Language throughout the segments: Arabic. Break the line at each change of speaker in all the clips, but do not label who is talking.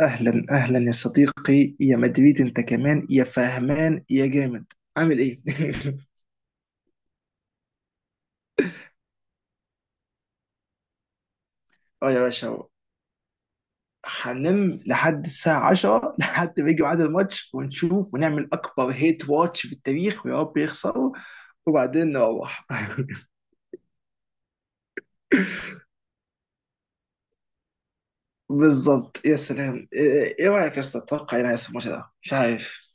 اهلا اهلا يا صديقي، يا مدريد انت كمان، يا فهمان يا جامد، عامل ايه؟ اه يا باشا أهو. هننام لحد الساعة 10 لحد ما يجي ميعاد الماتش ونشوف ونعمل أكبر هيت واتش في التاريخ ويا رب يخسروا وبعدين نروح. بالظبط، يا سلام. إيه رأيك يا أسطى، تتوقع إيه اللي هيحصل في الماتش ده؟ مش عارف.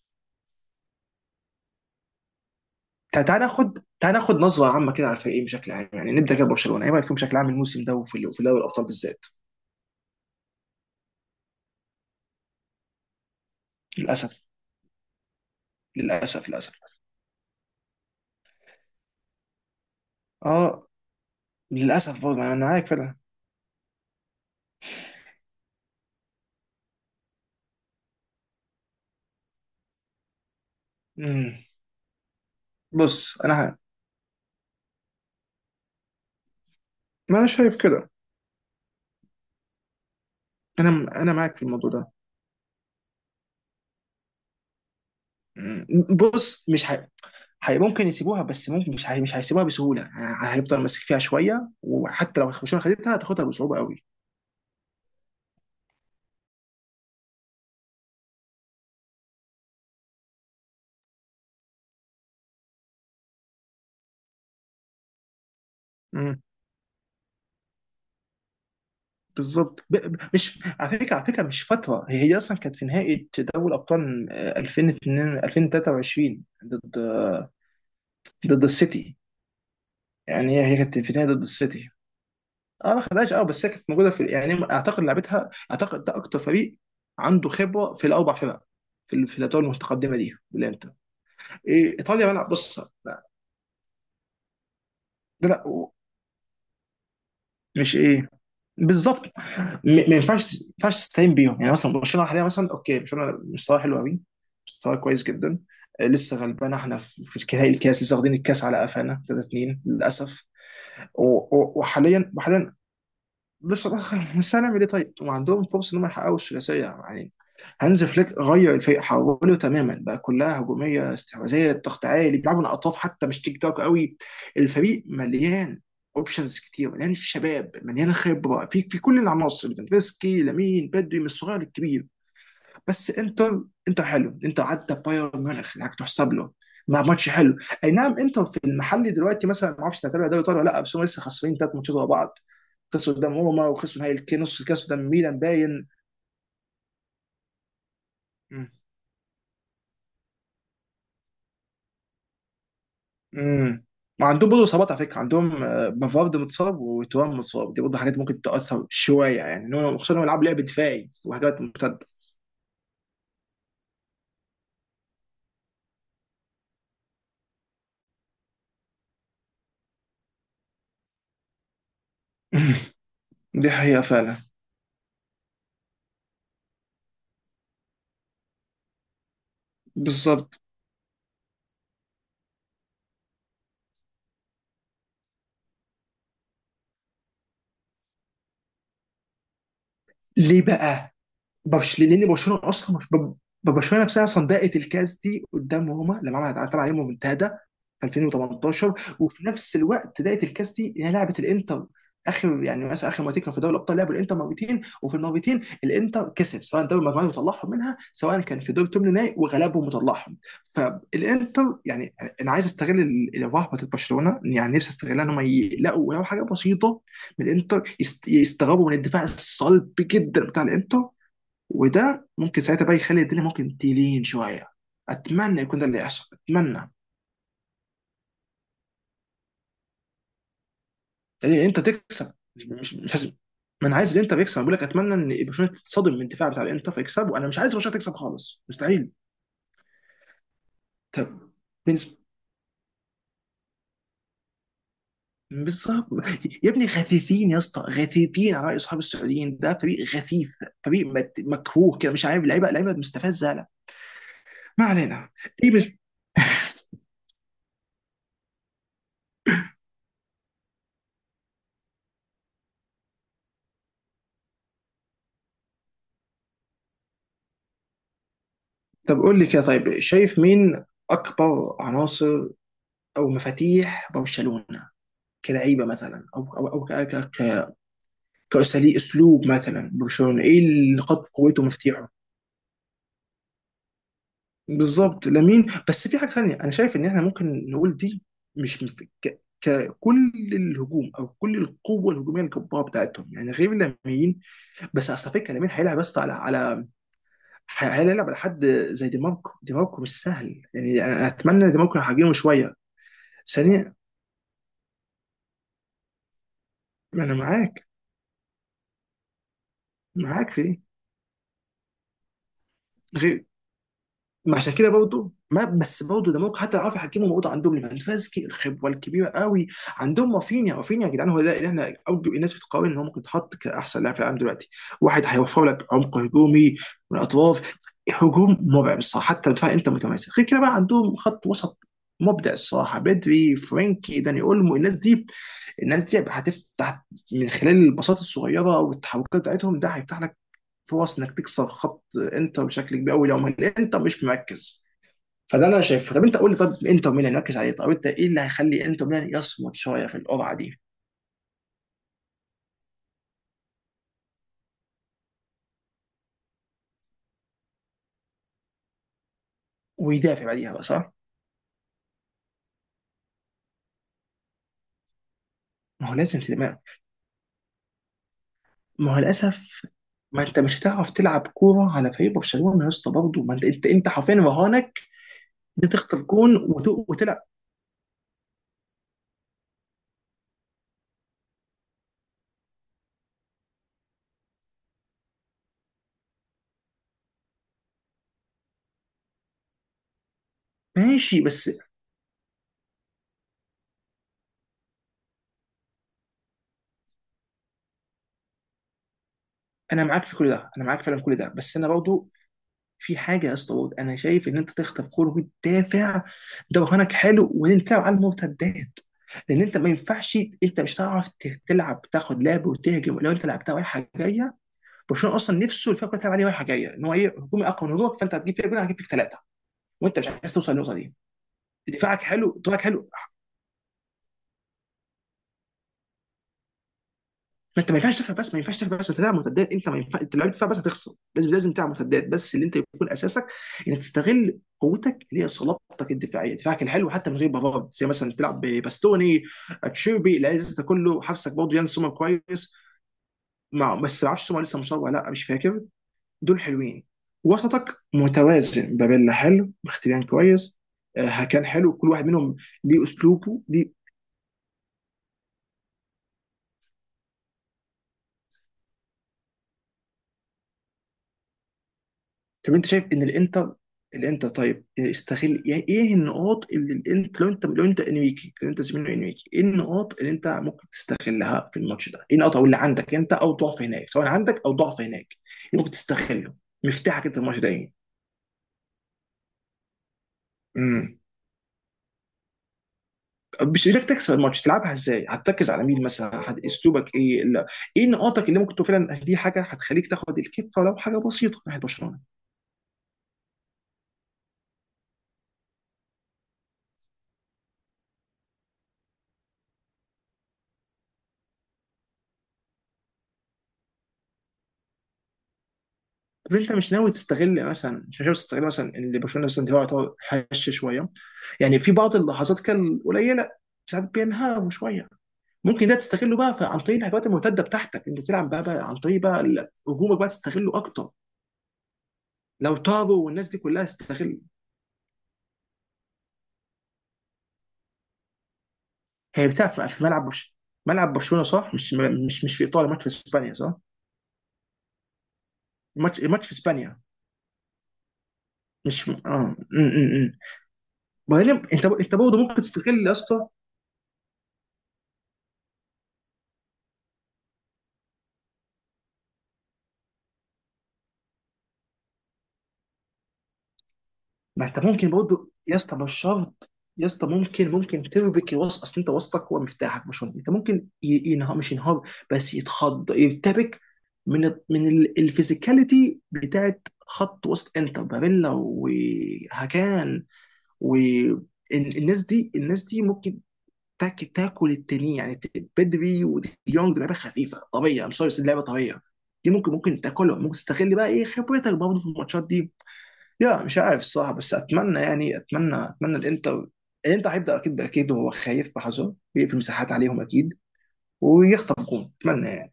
تعال ناخد نظرة عامة كده على الفريقين بشكل عام، يعني نبدأ كده ببرشلونة. إيه رأيك فيهم بشكل عام الموسم ده وفي دوري الأبطال بالذات؟ للأسف، للأسف، للأسف. اه، للاسف برضه انا معاك فعلا. مم. بص انا ما انا شايف كده. انا انا معاك في الموضوع ده. مم. بص مش ه... هي ممكن يسيبوها، بس ممكن مش هيسيبوها بسهوله، هيفضل ماسك فيها شويه، وحتى لو برشلونه خدتها هتاخدها بصعوبه قوي. مم. بالظبط. مش على فكره، مش فتره، هي اصلا كانت في نهائي دوري ابطال، 2002 2023، ضد ضد السيتي. يعني هي كانت في نهائي ضد السيتي. اه ما خدهاش. اه بس هي كانت موجوده، في يعني اعتقد لعبتها، اعتقد ده اكتر فريق عنده خبره في الاربع فرق في الادوار المتقدمه دي بالانتر. ايه ايطاليا ملعب. بص لا ده لا و- مش ايه. بالظبط. ما ينفعش تستهين بيهم، يعني مثلا برشلونه حاليا، مثلا اوكي، برشلونه مستواه حلو قوي، مستواه كويس جدا. لسه غلبان احنا في نهائي الكاس، لسه واخدين الكاس على قفانا 3-2 للاسف. و- وحاليا، بصراحة بس الاخر مش هنعمل ايه طيب؟ وعندهم فرصة انهم يحققوا الثلاثية يعني. هانز فليك غير الفريق حوله تماما بقى، كلها هجومية استحواذية، ضغط عالي، بيلعبوا من اطراف، حتى مش تيك توك قوي. الفريق مليان اوبشنز كتير، مليان شباب، مليان خبرة في كل العناصر: بتنفسكي، لامين، بدري، من الصغير للكبير. بس انتر حلو. انتر عدى بايرن ميونخ، يعني تحسب له مع ماتش حلو. اي نعم، انتر في المحلي دلوقتي مثلا، ما اعرفش تعتبر دوري ايطالي ولا لا، بس هم لسه خسرين ثلاث ماتشات ورا بعض، خسروا قدام روما وخسروا نهائي نص الكاس قدام ميلان باين. مم. مم. ما عندهم برضه اصابات على فكره، عندهم بافارد متصاب وتوام متصاب، دي برضه حاجات ممكن تاثر شويه يعني، خصوصا انهم بيلعبوا لعب دفاعي وحاجات مرتده. دي حقيقه فعلا. بالظبط. ليه بقى؟ برشلونه اصلا مش ب- برشلونه نفسها اصلا ضاقت الكاس دي قدام روما لما عملت طبعا يوم منتهى في 2018، وفي نفس الوقت ضاقت الكاس دي انها لعبت الانتر اخر، يعني مثلا اخر مرتين كانوا في دوري الابطال لعبوا الانتر مرتين، وفي المرتين الانتر كسب، سواء دوري المجموعات وطلعهم منها، سواء كان في دور ثمن نهائي وغلبهم وطلعهم. فالانتر يعني انا عايز استغل الرهبه بتاعت برشلونه، يعني نفسي استغلها ان هم يلاقوا ولو حاجه بسيطه من الانتر، يستغربوا من الدفاع الصلب جدا بتاع الانتر، وده ممكن ساعتها بقى يخلي الدنيا ممكن تلين شويه. اتمنى يكون ده اللي يحصل، اتمنى. يعني انت تكسب، مش لازم. ما انا عايز الانتر يكسب، بقول لك اتمنى ان برشلونه تتصدم من الدفاع بتاع الانتر فيكسب، وانا مش عايز برشلونه تكسب خالص، مستحيل. طب بالنسبه. بالظبط. يا ابني غثيثين، يا اسطى غثيثين، على راي اصحاب السعوديين ده فريق غثيث. فريق مكفوه كده مش عارف، لعيبه مستفزه، لا. ما علينا. ايه بس؟ طب قول لي كده، طيب شايف مين اكبر عناصر او مفاتيح برشلونه؟ كلعيبه مثلا، او كاساليب، اسلوب مثلا برشلونه، ايه اللي نقاط قوته ومفاتيحه؟ بالظبط لامين. بس في حاجه ثانيه انا شايف ان احنا ممكن نقول دي مش مش- ككل الهجوم، او كل القوه الهجوميه الجباره بتاعتهم، يعني غير لامين. بس اصل فكره لامين هيلعب بس على هيلعب على حد زي دي ماركو. دي ماركو مش سهل، يعني انا اتمنى دي ماركو يحجمه شويه. ثانيا، ما انا معاك، في دي. غير مع شاكيرا برضه، ما بس برضه ده ممكن حتى لو عرفوا يحكموا الموضوع. عندهم ليفاندوفسكي الخبره الكبيره قوي، عندهم رافينيا. رافينيا يا جدعان هو ده اللي احنا ارجو، الناس بتقارن ان هو ممكن يتحط كاحسن لاعب في العالم دلوقتي. واحد هيوفر لك عمق هجومي من الاطراف، هجوم مرعب الصراحه. حتى الدفاع انت متماسك. غير كده بقى عندهم خط وسط مبدع الصراحه: بدري، فرانكي، داني اولمو. الناس دي هتفتح من خلال البساطه الصغيره والتحركات بتاعتهم، ده هيفتح لك فرص انك تكسر خط انتر بشكل كبير قوي لو الانتر مش مركز. فده اللي انا شايفه. طب انت قول لي، طب انتر ميلان يركز عليه. طب انت ايه اللي هيخلي انتر ميلان يصمد شويه في القرعه دي؟ ويدافع بعديها بقى، صح؟ ما هو لازم تدافع. ما هو للاسف ما انت مش هتعرف تلعب كوره على فريق برشلونه يا اسطى برضه، ما انت حرفيا رهانك بتخطف جون وتلعب. ماشي بس انا معاك في كل ده، انا معاك فعلا في كل ده، بس انا برضه في حاجه يا اسطى. انا شايف ان انت تخطف كوره وتدافع، ده برهانك حلو، وانت تلعب على المرتدات. لان انت ما ينفعش، انت مش هتعرف تلعب، تاخد لعب وتهجم، لو انت لعبتها رايحه جايه. برشلونه اصلا نفسه الفرقه كلها تلعب عليه رايحه جايه، ان هو ايه، هجومي اقوى من هجومك، فانت هتجيب فيها جول هتجيب فيك ثلاثه، وانت مش عايز توصل للنقطه دي. دفاعك حلو، دفاعك حلو. فانت ما ينفعش تفهم بس، انت تلعب مرتدات. انت ما ينفع، انت لو لعبت دفاع بس هتخسر. لازم لازم تلعب مرتدات، بس اللي انت يكون اساسك انك تستغل قوتك اللي هي صلابتك الدفاعيه، دفاعك الحلو، حتى من غير بافارد، زي مثلا تلعب بباستوني، اتشيربي، العز ده كله. حارسك برضه يان سومر كويس، مع بس ما اعرفش سومر لسه مصاب ولا لا، مش فاكر. دول حلوين. وسطك متوازن، بابيلا حلو، مختبيان كويس، هكان حلو، كل واحد منهم ليه اسلوبه ليه. طب انت شايف ان الانتر، طيب استغل، يعني ايه النقاط اللي الانت، لو انت انريكي، لو انت زميله انريكي، ايه النقاط اللي انت ممكن تستغلها في الماتش ده؟ ايه النقاط اللي عندك انت او ضعف هناك، سواء عندك او ضعف هناك، ايه ممكن تستغله؟ مفتاحك انت في الماتش ده ايه؟ امم مش ايدك تكسب الماتش تلعبها ازاي؟ هتركز على مين مثلا؟ اسلوبك ايه؟ لا. ايه نقاطك اللي ممكن تكون فعلا دي حاجه هتخليك تاخد الكفه ولو حاجه بسيطه ناحيه برشلونه؟ طب انت مش ناوي تستغل مثلا، ان برشلونه مثلا دفاعه يعتبر هش شويه، يعني في بعض اللحظات كان قليله، ساعات بينهاروا شويه. ممكن ده تستغله بقى عن طريق الهجمات المرتده بتاعتك، انت تلعب بقى، عن طريق بقى هجومك بقى تستغله اكتر لو طاروا، والناس دي كلها تستغل. هي بتعرف في ملعب ملعب برشلونه، صح؟ مش في ايطاليا، ماتش في اسبانيا صح. الماتش في اسبانيا. مش م- اه م -م -م. وبعدين انت، برضه ممكن تستغل يا اسطى. ما انت ممكن برضه يا اسطى، مش شرط يا اسطى. ممكن تربك الوسط، اصل انت وسطك هو مفتاحك. مش انت ممكن ينهار، مش ينهار، بس يتخض يرتبك الفيزيكاليتي بتاعت خط وسط انتر، باريلا وهاكان والناس دي. الناس دي ممكن تاكل التانيين، يعني بدري وديونج، دي لعبه خفيفه طبيعيه. سوري، بس اللعبه طبيعيه دي ممكن، تاكلهم، ممكن تستغل بقى ايه خبرتك برضه في الماتشات دي، يا مش عارف الصراحه. بس اتمنى يعني، اتمنى الانتر. الانتر هيبدا اكيد باكيد وهو خايف بحذر، بيقفل مساحات عليهم اكيد ويخطف جون. اتمنى يعني.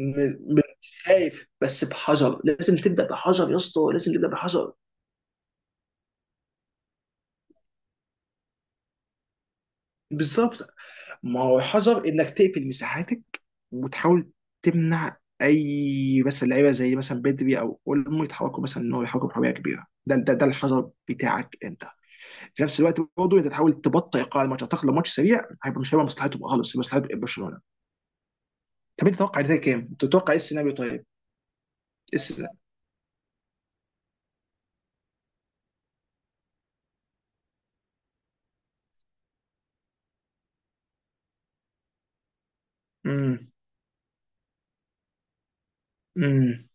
م- م- خايف بس بحذر، لازم تبدا بحذر يا اسطى، لازم تبدا بحذر. بالظبط. ما هو الحذر انك تقفل مساحاتك وتحاول تمنع اي بس اللعيبه زي مثلا بدري او اولمو يتحركوا، مثلا ان هو يحركوا بحريه كبيره، ده الحذر بتاعك انت. في نفس الوقت برضه انت تحاول تبطئ ايقاع الماتش، اعتقد لو ماتش سريع هيبقى، مش هيبقى مصلحته بقى خالص، مصلحه برشلونه. طب انت تتوقع النتيجه كام؟ انت تتوقع ايه السيناريو طيب؟ ايه السيناريو؟ امم امم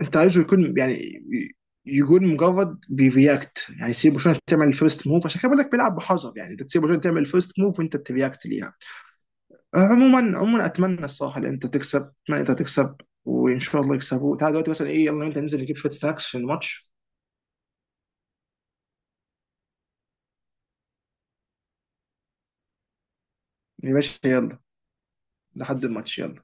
انت عايزه يكون، يعني يكون مجرد بيرياكت، يعني سيب برشلونه تعمل الفيرست موف. عشان كده بقول لك بيلعب بحذر، يعني انت تسيب برشلونه تعمل الفيرست موف وانت ترياكت ليها. عموما، اتمنى الصراحه ان انت تكسب، ما انت تكسب. وان شاء الله يكسبوا. تعال دلوقتي مثلا ايه، يلا انت ننزل نجيب شويه سناكس عشان الماتش. يا باشا يلا. لحد الماتش يلا.